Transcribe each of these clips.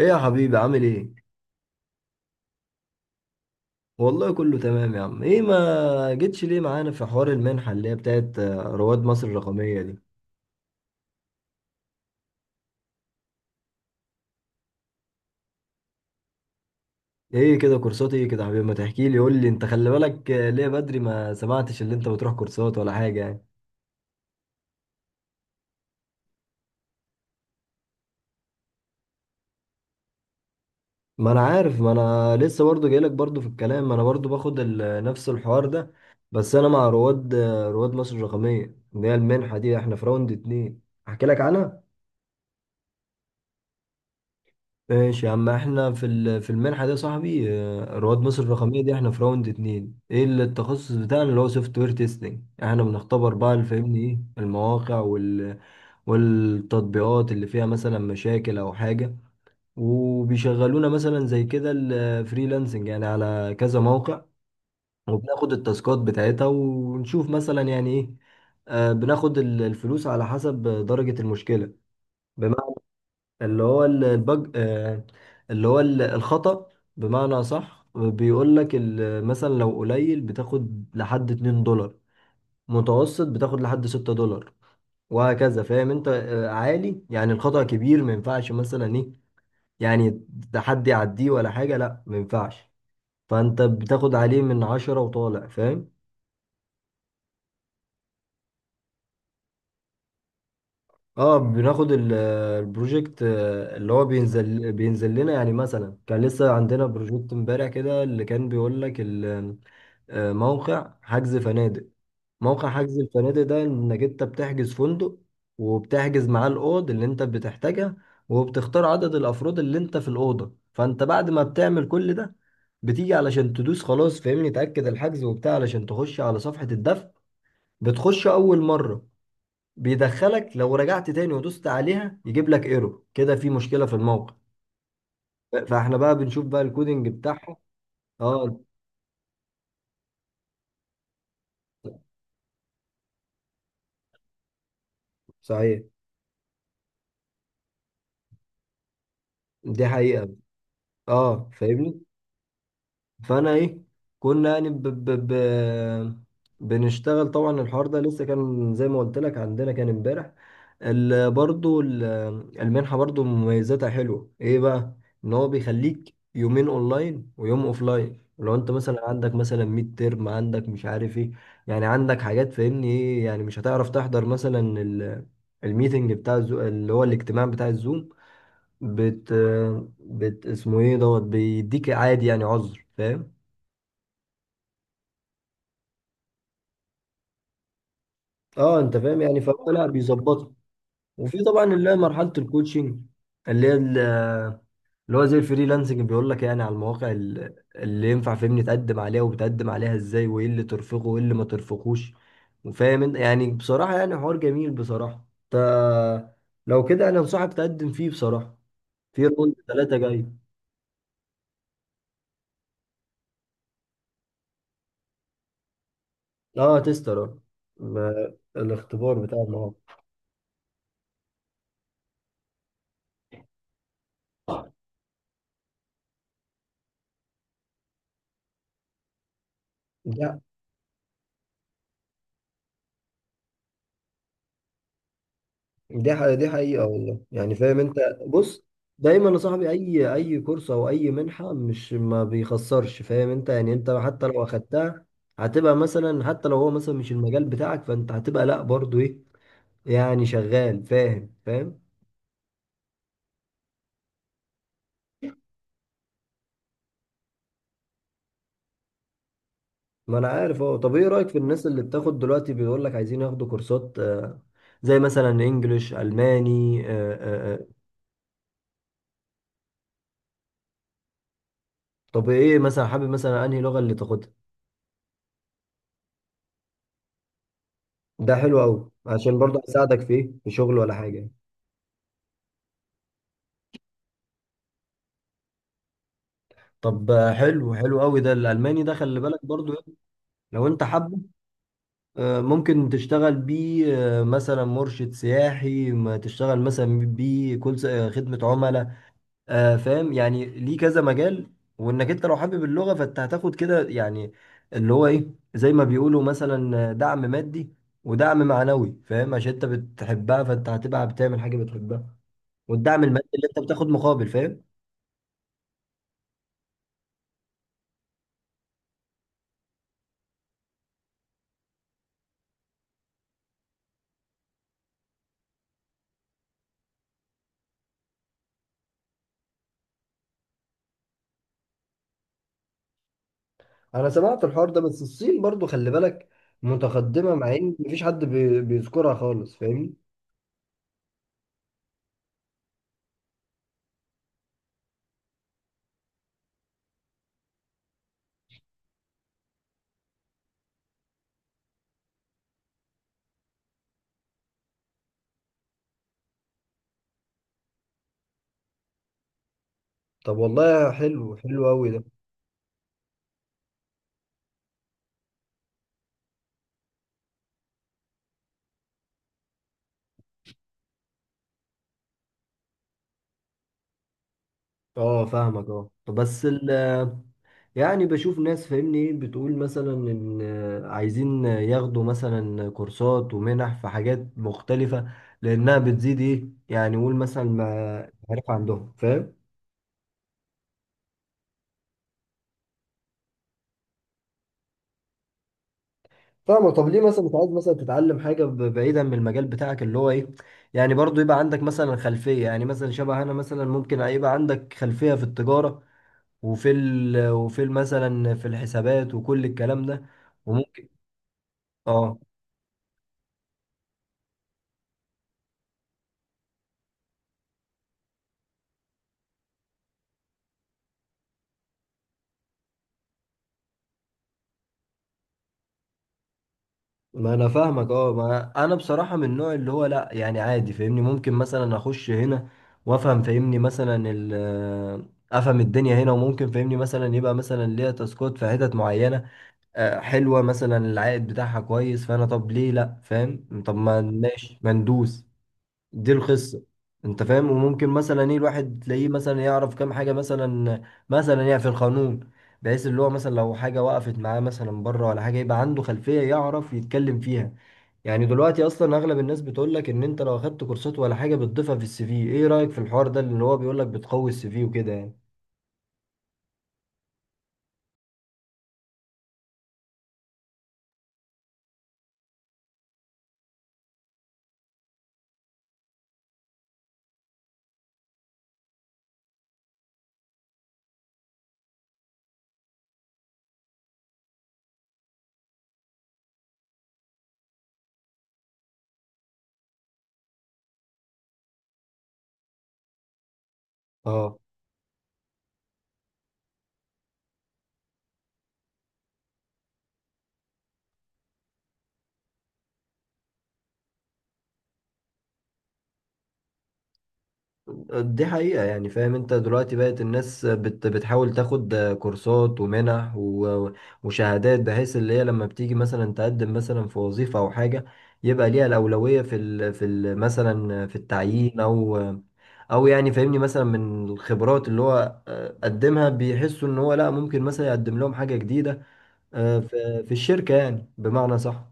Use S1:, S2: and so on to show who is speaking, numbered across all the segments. S1: ايه يا حبيبي، عامل ايه؟ والله كله تمام يا عم. ايه ما جيتش ليه معانا في حوار المنحة اللي هي بتاعت رواد مصر الرقمية دي؟ ايه كده؟ كورسات ايه كده يا حبيبي؟ ما تحكي لي، قول لي انت. خلي بالك ليه بدري ما سمعتش اللي انت بتروح كورسات ولا حاجة يعني. ما انا عارف، ما انا لسه برضو جايلك برضو في الكلام، ما انا برضو باخد نفس الحوار ده. بس انا مع رواد مصر الرقمية اللي هي المنحة دي، احنا في راوند اتنين. احكي لك عنها. ماشي يا عم، احنا في المنحة دي يا صاحبي. رواد مصر الرقمية دي، احنا في راوند اتنين. ايه اللي التخصص بتاعنا؟ اللي هو سوفت وير تيستنج. احنا بنختبر بقى، اللي فاهمني ايه، المواقع والتطبيقات اللي فيها مثلا مشاكل او حاجة. وبيشغلونا مثلا زي كده الفريلانسنج يعني على كذا موقع. وبناخد التاسكات بتاعتها ونشوف مثلا يعني ايه. بناخد الفلوس على حسب درجة المشكلة. اللي هو البج، اللي هو الخطأ. بمعنى صح. بيقول لك مثلا لو قليل بتاخد لحد 2 دولار. متوسط بتاخد لحد 6 دولار. وهكذا، فاهم انت. عالي يعني، الخطأ كبير ما ينفعش مثلا ايه. يعني ده حد يعديه ولا حاجة؟ لا ما ينفعش. فانت بتاخد عليه من 10 وطالع، فاهم. اه، بناخد البروجكت، اللي هو بينزل لنا، يعني مثلا كان لسه عندنا بروجكت امبارح كده اللي كان بيقول لك. موقع حجز فنادق. موقع حجز الفنادق ده، انك انت بتحجز فندق، وبتحجز معاه الاوض اللي انت بتحتاجها، وبتختار عدد الافراد اللي انت في الاوضه. فانت بعد ما بتعمل كل ده، بتيجي علشان تدوس خلاص، فاهمني، تاكد الحجز وبتاع علشان تخش على صفحه الدفع. بتخش اول مره بيدخلك. لو رجعت تاني ودوست عليها، يجيب لك ايرور كده، في مشكله في الموقع. فاحنا بقى بنشوف بقى الكودينج بتاعها. اه صحيح. دي حقيقه. اه فاهمني. فانا ايه، كنا يعني ب ب ب بنشتغل طبعا. الحوار ده لسه كان زي ما قلت لك، عندنا كان امبارح. ال- برضو ال- المنحة برضو مميزاتها حلوة. ايه بقى؟ ان هو بيخليك يومين اونلاين ويوم اوفلاين، لو انت مثلا عندك مثلا ميد ترم، عندك مش عارف ايه، يعني عندك حاجات، فاهمني ايه يعني، مش هتعرف تحضر مثلا الميتنج بتاع اللي هو الاجتماع بتاع الزوم. بت بت اسمه ايه، دوت بيديك عادي يعني عذر، فاهم. اه انت فاهم يعني، فهو لا، بيظبطها. وفي طبعا اللي هي مرحله الكوتشنج، اللي هي ال- اللي هو زي الفريلانسنج. بيقول لك يعني على المواقع اللي ينفع، فهمني، تقدم عليها، وبتقدم عليها ازاي، وايه اللي ترفقه وايه اللي ما ترفقوش. وفاهم انت يعني، بصراحه يعني حوار جميل بصراحه. ت... لو كده انا انصحك تقدم فيه بصراحه، في راوند ثلاثه جاي. اه تستر اه، الاختبار بتاع المواقع. دي حقيقة والله، يعني فاهم انت. بص، دايما يا صاحبي اي كورس او اي منحة مش ما بيخسرش، فاهم انت يعني، انت حتى لو اخدتها هتبقى مثلا، حتى لو هو مثلا مش المجال بتاعك، فانت هتبقى لا برضو ايه، يعني شغال، فاهم. ما انا عارف اهو. طب ايه رأيك في الناس اللي بتاخد دلوقتي، بيقول لك عايزين ياخدوا كورسات، زي مثلا انجليش، الماني. طب ايه مثلا حابب مثلا انهي لغة اللي تاخدها؟ ده حلو قوي، عشان برضه هيساعدك في ايه، في شغل ولا حاجة. طب حلو حلو قوي ده، الالماني ده خلي بالك برضو إيه، لو انت حابه، ممكن تشتغل بيه. مثلا مرشد سياحي، ما تشتغل مثلا بيه كل خدمة عملاء. فاهم يعني، ليه كذا مجال. وانك انت لو حابب اللغة، فانت هتاخد كده يعني اللي هو ايه، زي ما بيقولوا مثلا دعم مادي ودعم معنوي، فاهم، عشان انت بتحبها فانت هتبقى بتعمل حاجة بتحبها. والدعم المادي اللي انت بتاخد مقابل، فاهم. انا سمعت الحوار ده، بس الصين برضو خلي بالك متقدمة، مع ان مفيش حد بيذكرها خالص، فاهمني. طب والله حلو حلو قوي ده. اه فاهمك، اه بس يعني بشوف ناس، فاهمني ايه، بتقول مثلا ان عايزين ياخدوا مثلا كورسات ومنح في حاجات مختلفة، لانها بتزيد ايه يعني، قول مثلا المعرفة عندهم، فاهم. فاهمة. طب ليه مثلا مش عايز مثلا تتعلم حاجة بعيدا من المجال بتاعك اللي هو ايه، يعني برضو يبقى عندك مثلا خلفية، يعني مثلا شبه انا مثلا، ممكن يبقى عندك خلفية في التجارة، مثلا في الحسابات وكل الكلام ده. وممكن. اه ما انا فاهمك، اه ما انا بصراحة من النوع اللي هو لا يعني عادي، فاهمني، ممكن مثلا اخش هنا وافهم، فاهمني مثلا افهم الدنيا هنا، وممكن فاهمني مثلا يبقى مثلا ليا تاسكات في حتت معينة، حلوة، مثلا العائد بتاعها كويس، فأنا طب ليه لأ، فاهم، طب ما ماشي، ما ندوس. دي القصة، أنت فاهم. وممكن مثلا إيه، الواحد تلاقيه مثلا يعرف كام حاجة مثلا، يعني في القانون، بحيث اللي هو مثلا لو حاجة وقفت معاه مثلا بره ولا حاجة، يبقى عنده خلفية يعرف يتكلم فيها. يعني دلوقتي أصلا أغلب الناس بتقولك إن أنت لو أخدت كورسات ولا حاجة بتضيفها في السي في. إيه رأيك في الحوار ده اللي هو بيقولك بتقوي السي في وكده يعني؟ اه دي حقيقة يعني، فاهم انت، دلوقتي بقت الناس بتحاول تاخد كورسات ومنح وشهادات، بحيث اللي هي لما بتيجي مثلا تقدم مثلا في وظيفة او حاجة، يبقى ليها الأولوية في ال في ال مثلا في التعيين، او يعني فاهمني مثلا من الخبرات اللي هو قدمها، بيحسوا ان هو لا، ممكن مثلا يقدم لهم حاجة جديدة في الشركة يعني، بمعنى صح.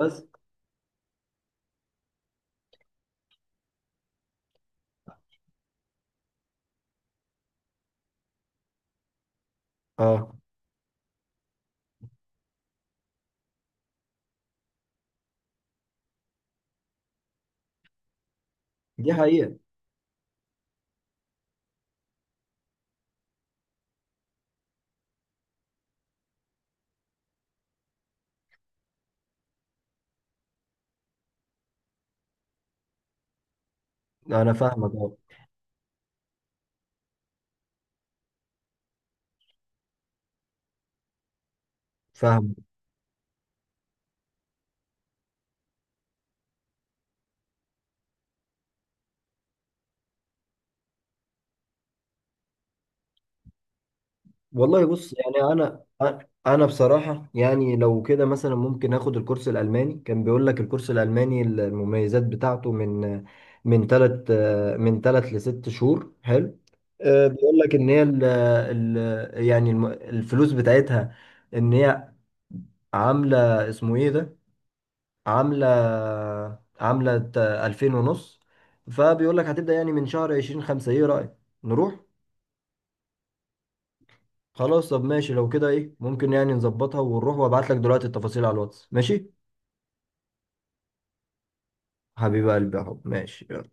S1: بس اه دي حقيقة، انا فاهمك والله. بص، يعني انا، انا بصراحه يعني لو كده مثلا ممكن اخد الكورس الالماني. كان بيقول لك الكورس الالماني المميزات بتاعته من من ثلاث من ثلاث لست شهور، حلو. بيقول لك ان هي ال يعني الفلوس بتاعتها، ان هي عامله اسمه ايه ده، عامله عامله 2000 ونص. فبيقول لك هتبدا يعني من شهر 20 5. ايه رايك، نروح؟ خلاص طب ماشي لو كده ايه، ممكن يعني نظبطها ونروح، وابعت لك دلوقتي التفاصيل على الواتس، ماشي. حبيب قلبي يا حب، ماشي، يلا.